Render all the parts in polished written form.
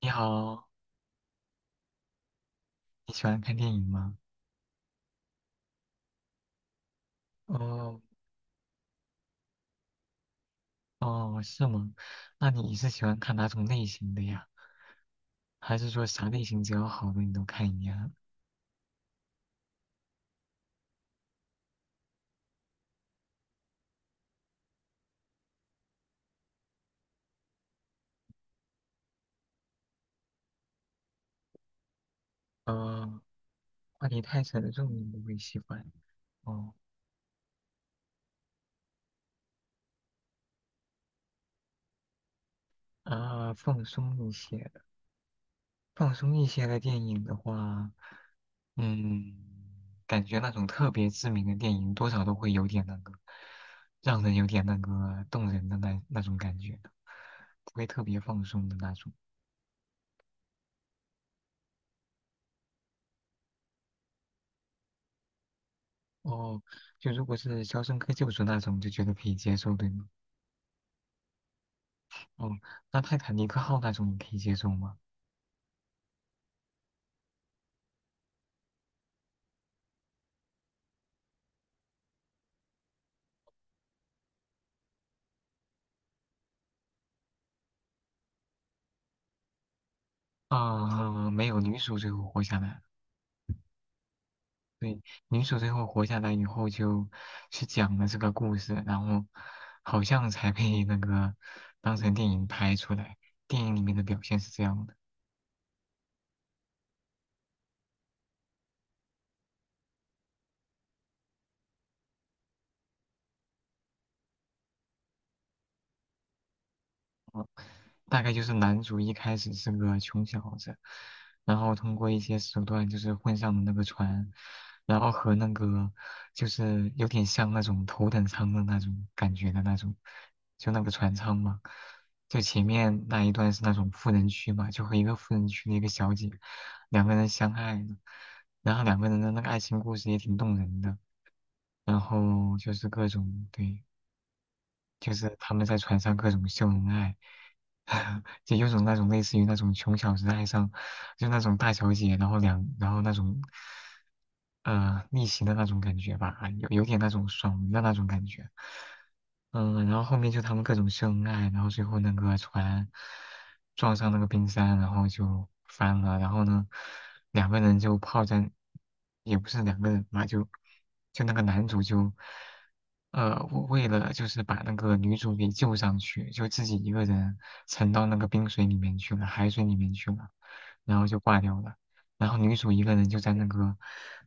你好，你喜欢看电影吗？哦哦，是吗？那你是喜欢看哪种类型的呀？还是说啥类型只要好的你都看一样？哦，话题太沉重你不会喜欢。哦啊，放松一些的，放松一些的电影的话，嗯，感觉那种特别知名的电影多少都会有点那个，让人有点那个动人的那种感觉的不会特别放松的那种。哦，就如果是《肖申克救赎》那种，就觉得可以接受，对吗？哦，那《泰坦尼克号》那种你可以接受吗？啊、没有，女主最后活下来了。对，女主最后活下来以后，就去讲了这个故事，然后好像才被那个当成电影拍出来。电影里面的表现是这样的。大概就是男主一开始是个穷小子，然后通过一些手段就是混上了那个船，然后和那个就是有点像那种头等舱的那种感觉的那种，就那个船舱嘛。就前面那一段是那种富人区嘛，就和一个富人区的一个小姐，两个人相爱了，然后两个人的那个爱情故事也挺动人的，然后就是各种对。就是他们在船上各种秀恩爱，就有种那种类似于那种穷小子爱上，就那种大小姐，然后两，然后那种，逆袭的那种感觉吧，有点那种爽文的那种感觉。嗯，然后后面就他们各种秀恩爱，然后最后那个船撞上那个冰山，然后就翻了，然后呢，两个人就泡在，也不是两个人吧，就就那个男主就，呃，为了就是把那个女主给救上去，就自己一个人沉到那个冰水里面去了，海水里面去了，然后就挂掉了，然后女主一个人就在那个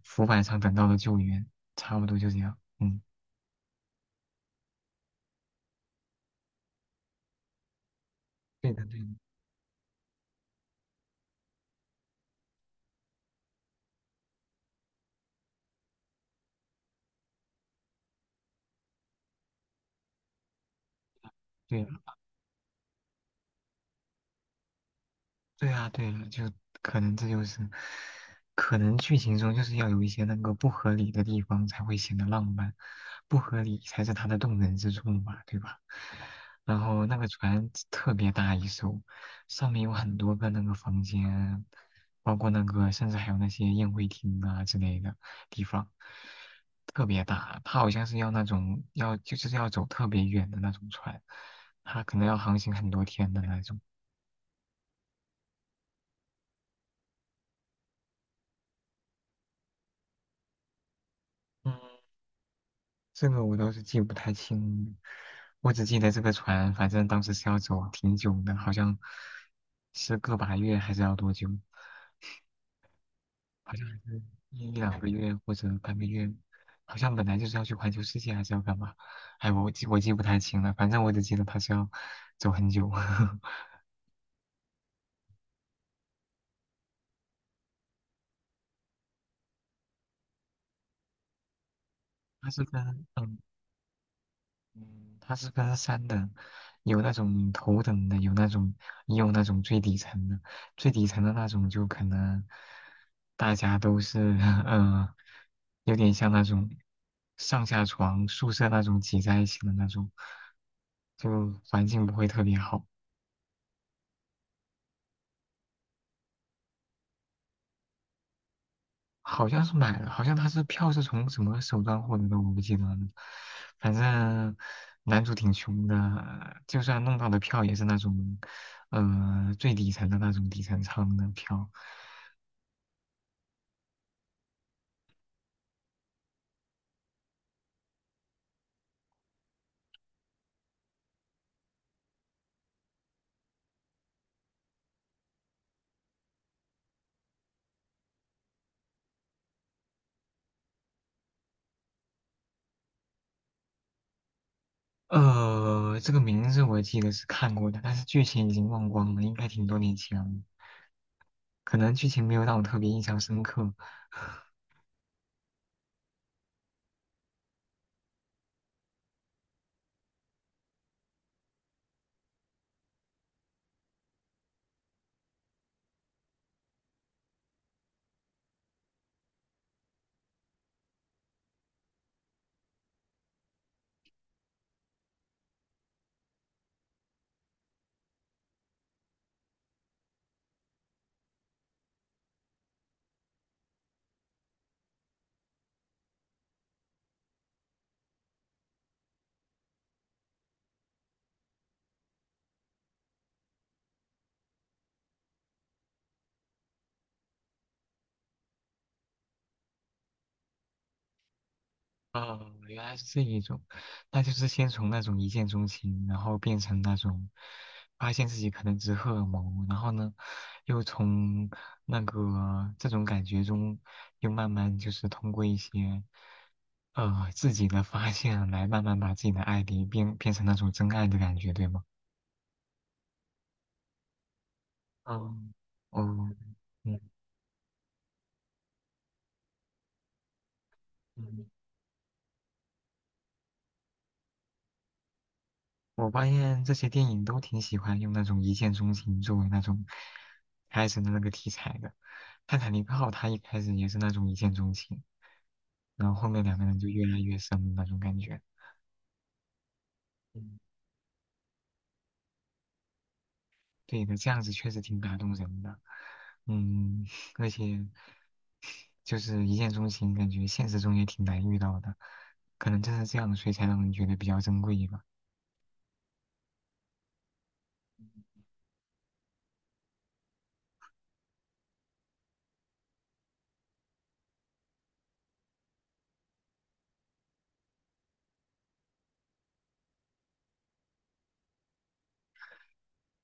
浮板上等到了救援，差不多就这样，嗯，对的，对的。对。的。对啊，对啊，就可能这就是，可能剧情中就是要有一些那个不合理的地方才会显得浪漫，不合理才是它的动人之处嘛，对吧？然后那个船特别大一艘，上面有很多个那个房间，包括那个甚至还有那些宴会厅啊之类的地方，特别大。它好像是要那种要就是要走特别远的那种船，它可能要航行很多天的那种。嗯，这个我倒是记不太清，我只记得这个船，反正当时是要走挺久的，好像是个把月还是要多久？好像一两个月或者半个月，好像本来就是要去环球世界还是要干嘛？哎，我记不太清了，反正我只记得他是要走很久。他是跟嗯嗯，它是分三等，有那种头等的，有那种也有那种最底层的，最底层的那种就可能大家都是 呃，有点像那种上下床宿舍那种挤在一起的那种，就环境不会特别好。好像是买了，好像他是票是从什么手段获得的，我不记得了。反正男主挺穷的，就算弄到的票也是那种，最底层的那种底层舱的票。这个名字我记得是看过的，但是剧情已经忘光了，应该挺多年前了，可能剧情没有让我特别印象深刻。哦，原来是这一种，那就是先从那种一见钟情，然后变成那种发现自己可能只是荷尔蒙，然后呢，又从那个这种感觉中，又慢慢就是通过一些自己的发现来慢慢把自己的爱给变成那种真爱的感觉，对吗？嗯，哦，嗯嗯。我发现这些电影都挺喜欢用那种一见钟情作为那种开始的那个题材的。《泰坦尼克号》它一开始也是那种一见钟情，然后后面两个人就越来越深的那种感觉。嗯，对的，这样子确实挺打动人的。嗯，而且就是一见钟情，感觉现实中也挺难遇到的，可能正是这样，所以才让人觉得比较珍贵吧。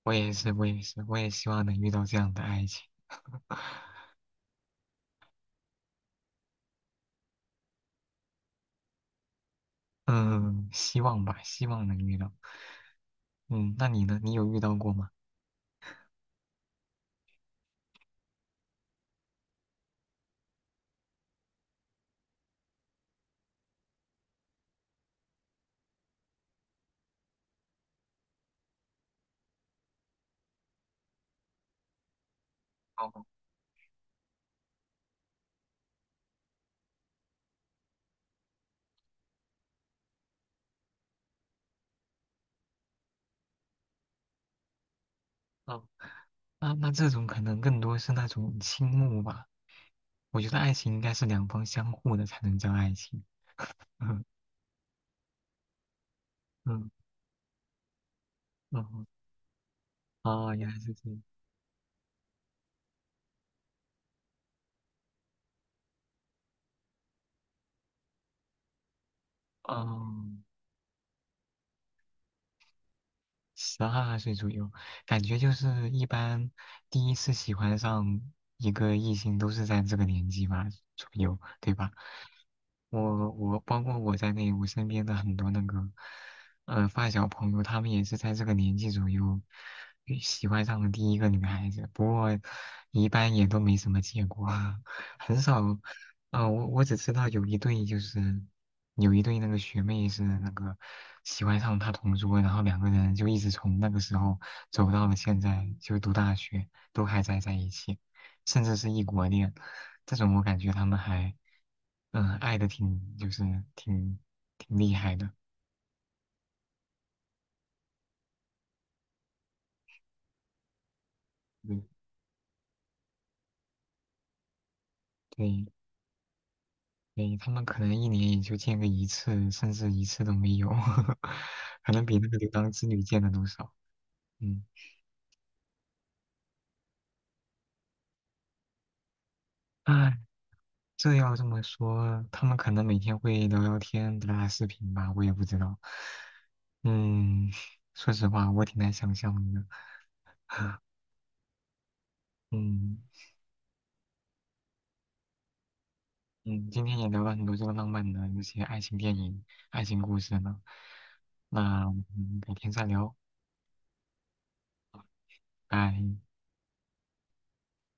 我也是，我也是，我也希望能遇到这样的爱情。嗯，希望吧，希望能遇到。嗯，那你呢？你有遇到过吗？哦，哦，那这种可能更多是那种倾慕吧。我觉得爱情应该是两方相互的才能叫爱情。嗯嗯嗯，哦，原来是这样。哦，12岁左右，感觉就是一般第一次喜欢上一个异性都是在这个年纪吧左右，对吧？我包括我在内，我身边的很多那个，发小朋友，他们也是在这个年纪左右，喜欢上了第一个女孩子，不过一般也都没什么结果，很少。我只知道有一对就是有一对那个学妹是那个喜欢上他同桌，然后两个人就一直从那个时候走到了现在，就读大学都还在一起，甚至是异国恋，这种我感觉他们还。嗯，爱的挺就是挺挺厉害的，对对对，他们可能一年也就见个一次，甚至一次都没有，可能比那个牛郎织女见的都少。嗯，哎，这要这么说，他们可能每天会聊聊天、打打视频吧，我也不知道。嗯，说实话，我挺难想象的。嗯嗯，今天也聊了很多这个浪漫的那些爱情电影、爱情故事呢，那我们改天再聊，拜。